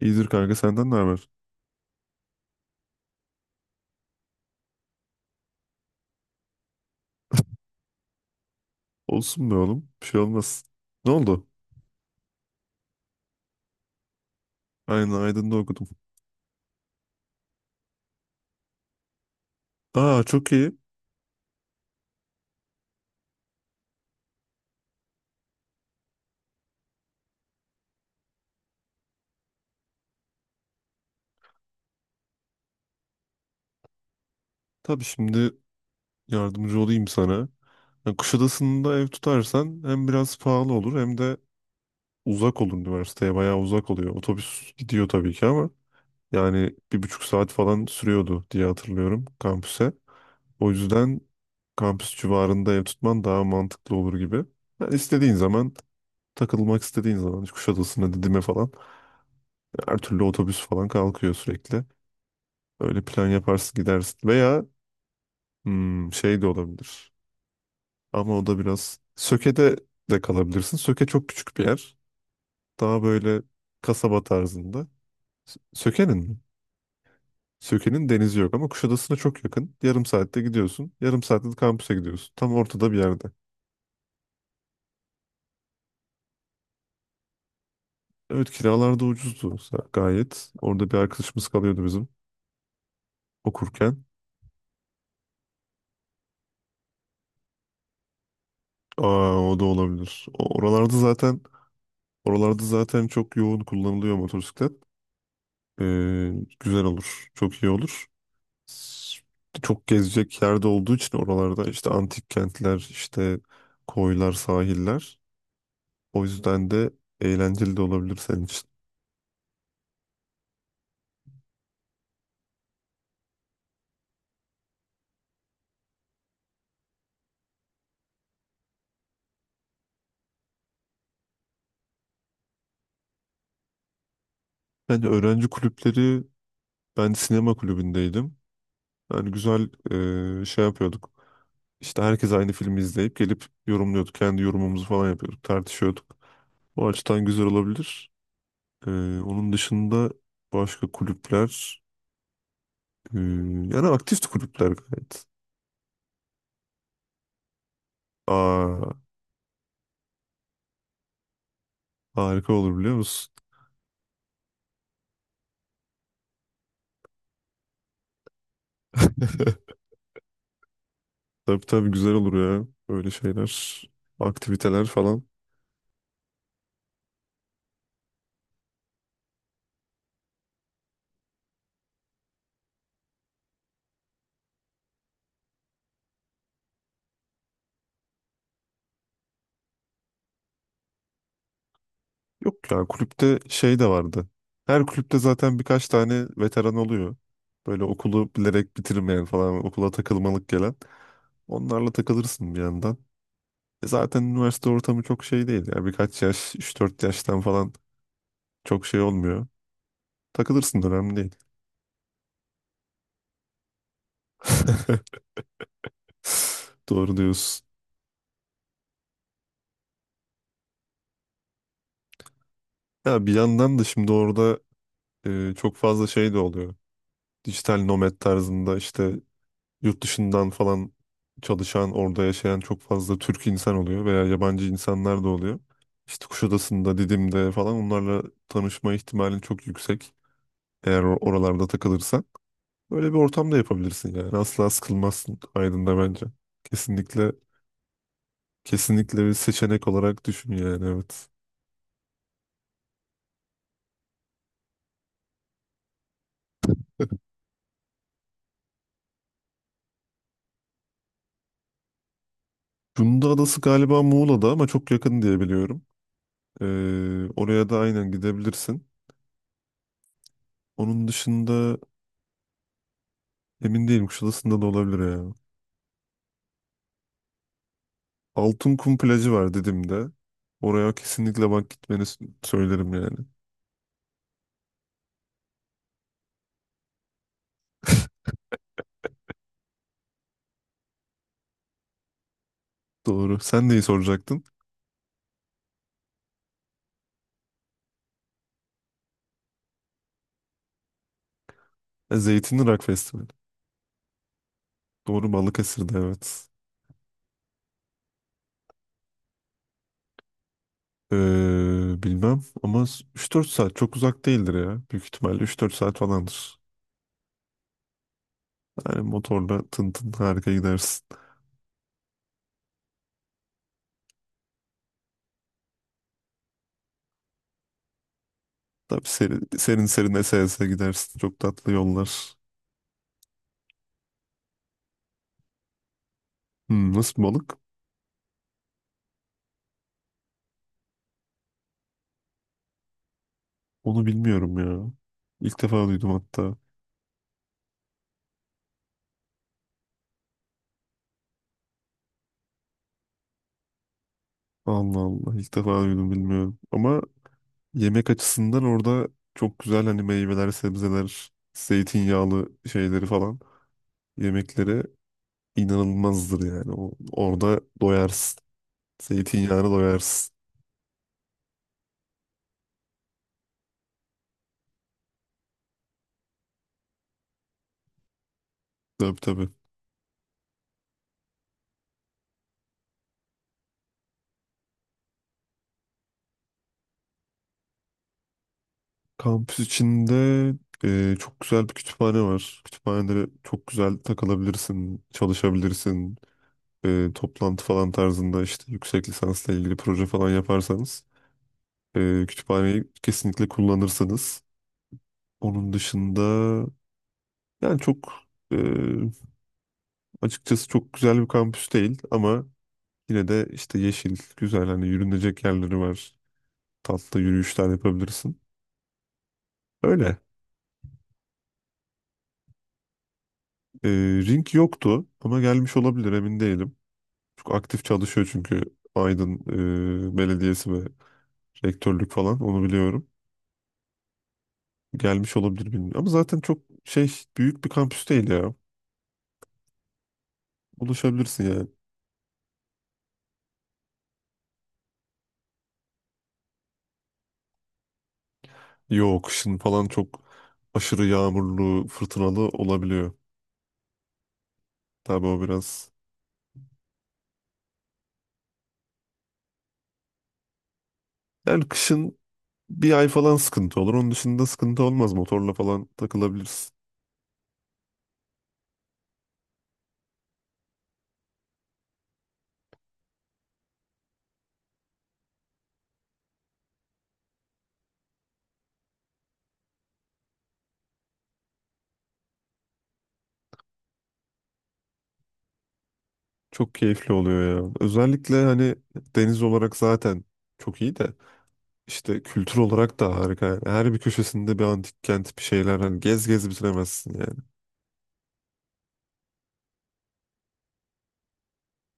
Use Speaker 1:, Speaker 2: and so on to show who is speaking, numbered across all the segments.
Speaker 1: İyidir kanka senden ne haber? Olsun be oğlum. Bir şey olmaz. Ne oldu? Aynen Aydın'da okudum. Aa, çok iyi. Tabii şimdi yardımcı olayım sana. Yani Kuşadası'nda ev tutarsan hem biraz pahalı olur hem de uzak olur üniversiteye. Bayağı uzak oluyor. Otobüs gidiyor tabii ki ama yani bir buçuk saat falan sürüyordu diye hatırlıyorum kampüse. O yüzden kampüs civarında ev tutman daha mantıklı olur gibi. Yani istediğin zaman takılmak istediğin zaman işte Kuşadası'na, Didim'e falan her türlü otobüs falan kalkıyor sürekli. Öyle plan yaparsın, gidersin. Veya şey de olabilir. Ama o da biraz Söke'de de kalabilirsin. Söke çok küçük bir yer. Daha böyle kasaba tarzında. Söke'nin mi? Söke'nin denizi yok ama Kuşadası'na çok yakın. Yarım saatte gidiyorsun. Yarım saatte de kampüse gidiyorsun. Tam ortada bir yerde. Evet, kiralar da ucuzdu gayet. Orada bir arkadaşımız kalıyordu bizim okurken. Aa, o da olabilir. Oralarda zaten çok yoğun kullanılıyor motosiklet. Ee, Güzel olur. Çok iyi olur. S- Çok gezecek yerde olduğu için oralarda işte antik kentler, işte koylar, sahiller. O yüzden de eğlenceli de olabilir senin için. Yani öğrenci kulüpleri, ben sinema kulübündeydim. Yani güzel şey yapıyorduk. İşte herkes aynı filmi izleyip gelip yorumluyorduk. Kendi yorumumuzu falan yapıyorduk, tartışıyorduk. O açıdan güzel olabilir. Ee, Onun dışında başka kulüpler. Yani aktif kulüpler gayet. Aa, harika olur biliyor musun? Tabii, tabii güzel olur ya. Böyle şeyler, aktiviteler falan. Yok ya, kulüpte şey de vardı. Her kulüpte zaten birkaç tane veteran oluyor. Böyle okulu bilerek bitirmeyen falan, okula takılmalık gelen. Onlarla takılırsın bir yandan. E, zaten üniversite ortamı çok şey değil ya. Birkaç yaş, 3-4 yaştan falan çok şey olmuyor. Takılırsın da önemli değil. Doğru diyorsun. Ya bir yandan da şimdi orada çok fazla şey de oluyor. Dijital nomad tarzında işte yurt dışından falan çalışan, orada yaşayan çok fazla Türk insan oluyor veya yabancı insanlar da oluyor. İşte Kuşadası'nda, Didim'de falan onlarla tanışma ihtimalin çok yüksek. Eğer oralarda takılırsan böyle bir ortam da yapabilirsin yani. Asla sıkılmazsın Aydın'da bence. Kesinlikle, kesinlikle bir seçenek olarak düşün, yani evet. Cunda Adası galiba Muğla'da ama çok yakın diye biliyorum. Oraya da aynen gidebilirsin. Onun dışında emin değilim, Kuşadası'nda da olabilir ya. Altınkum plajı var dedim de. Oraya kesinlikle bak, gitmeni söylerim yani. Doğru. Sen neyi soracaktın? Zeytinli Rock Festivali. Doğru, Balıkesir'de evet. Bilmem ama 3-4 saat çok uzak değildir ya. Büyük ihtimalle 3-4 saat falandır. Yani motorla tın tın harika gidersin. Tabii, serin serin, serin ese ese gidersin. Çok tatlı yollar. Nasıl bir balık? Onu bilmiyorum ya. İlk defa duydum hatta. Allah Allah, ilk defa duydum, bilmiyorum. Ama yemek açısından orada çok güzel, hani meyveler, sebzeler, zeytinyağlı şeyleri falan, yemekleri inanılmazdır yani. Orada doyarsın. Zeytinyağına doyarsın. Tabii, tabii. Kampüs içinde çok güzel bir kütüphane var. Kütüphanede çok güzel takılabilirsin, çalışabilirsin. Toplantı falan tarzında işte yüksek lisansla ilgili proje falan yaparsanız kütüphaneyi kesinlikle kullanırsanız. Onun dışında yani e, açıkçası çok güzel bir kampüs değil ama yine de işte yeşil, güzel, hani yürünecek yerleri var. Tatlı yürüyüşler yapabilirsin. Öyle. Ee, Ring yoktu ama gelmiş olabilir, emin değilim. Çok aktif çalışıyor çünkü Aydın Belediyesi ve rektörlük falan, onu biliyorum. Gelmiş olabilir, bilmiyorum. Ama zaten çok şey, büyük bir kampüs değil ya. Ulaşabilirsin yani. Yok, kışın falan çok aşırı yağmurlu, fırtınalı olabiliyor. Tabii o biraz. Yani kışın bir ay falan sıkıntı olur. Onun dışında sıkıntı olmaz. Motorla falan takılabilirsin. Çok keyifli oluyor ya. Özellikle hani deniz olarak zaten çok iyi de, işte kültür olarak da harika. Yani her bir köşesinde bir antik kent, bir şeyler, hani gez gez bitiremezsin yani.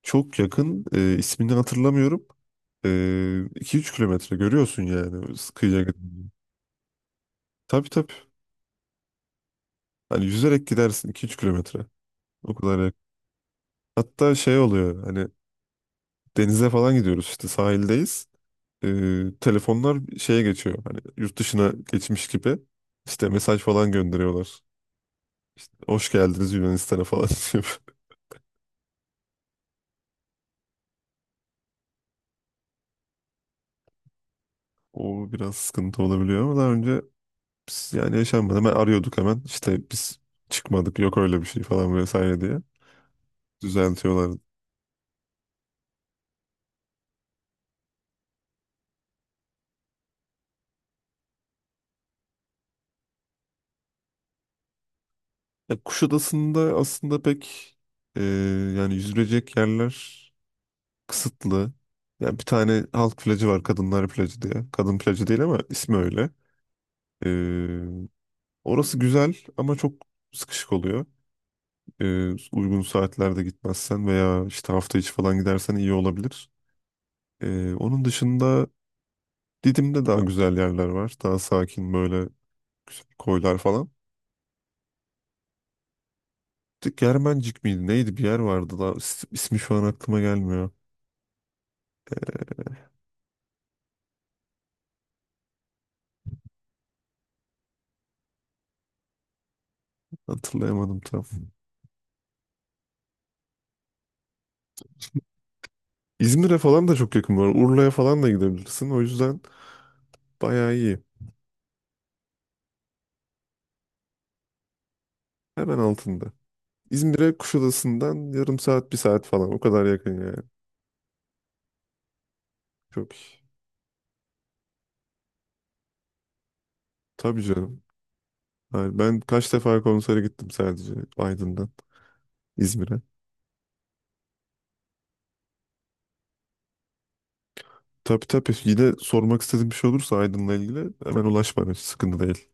Speaker 1: Çok yakın, ismini hatırlamıyorum. 2-3 kilometre görüyorsun yani kıyıya gidince. Tabii, tabii. Hani yüzerek gidersin 2-3 kilometre. O kadar yakın. Hatta şey oluyor hani, denize falan gidiyoruz, işte sahildeyiz. Telefonlar şeye geçiyor, hani yurt dışına geçmiş gibi. İşte mesaj falan gönderiyorlar. Hoş geldiniz Yunanistan'a falan, diyor. O biraz sıkıntı olabiliyor ama daha önce biz yani yaşanmadı. Hemen arıyorduk, hemen işte biz çıkmadık, yok öyle bir şey falan vesaire diye düzeltiyorlardı. Ya Kuşadası'nda aslında pek e, yani yüzülecek yerler kısıtlı. Yani bir tane halk plajı var, kadınlar plajı diye. Kadın plajı değil ama ismi öyle. Ee, Orası güzel ama çok sıkışık oluyor. Uygun saatlerde gitmezsen veya işte hafta içi falan gidersen iyi olabilir. Onun dışında Didim'de daha güzel yerler var. Daha sakin böyle güzel koylar falan. Germencik miydi? Neydi, bir yer vardı da ismi şu an aklıma gelmiyor. Hatırlayamadım tam. İzmir'e falan da çok yakın var. Urla'ya falan da gidebilirsin. O yüzden bayağı iyi. Hemen altında. İzmir'e Kuşadası'ndan yarım saat, bir saat falan. O kadar yakın yani. Çok iyi. Tabii canım. Yani ben kaç defa konsere gittim sadece Aydın'dan İzmir'e. Tabii, tabii. Yine sormak istediğim bir şey olursa Aydın'la ilgili hemen ulaş bana. Hiç sıkıntı değil.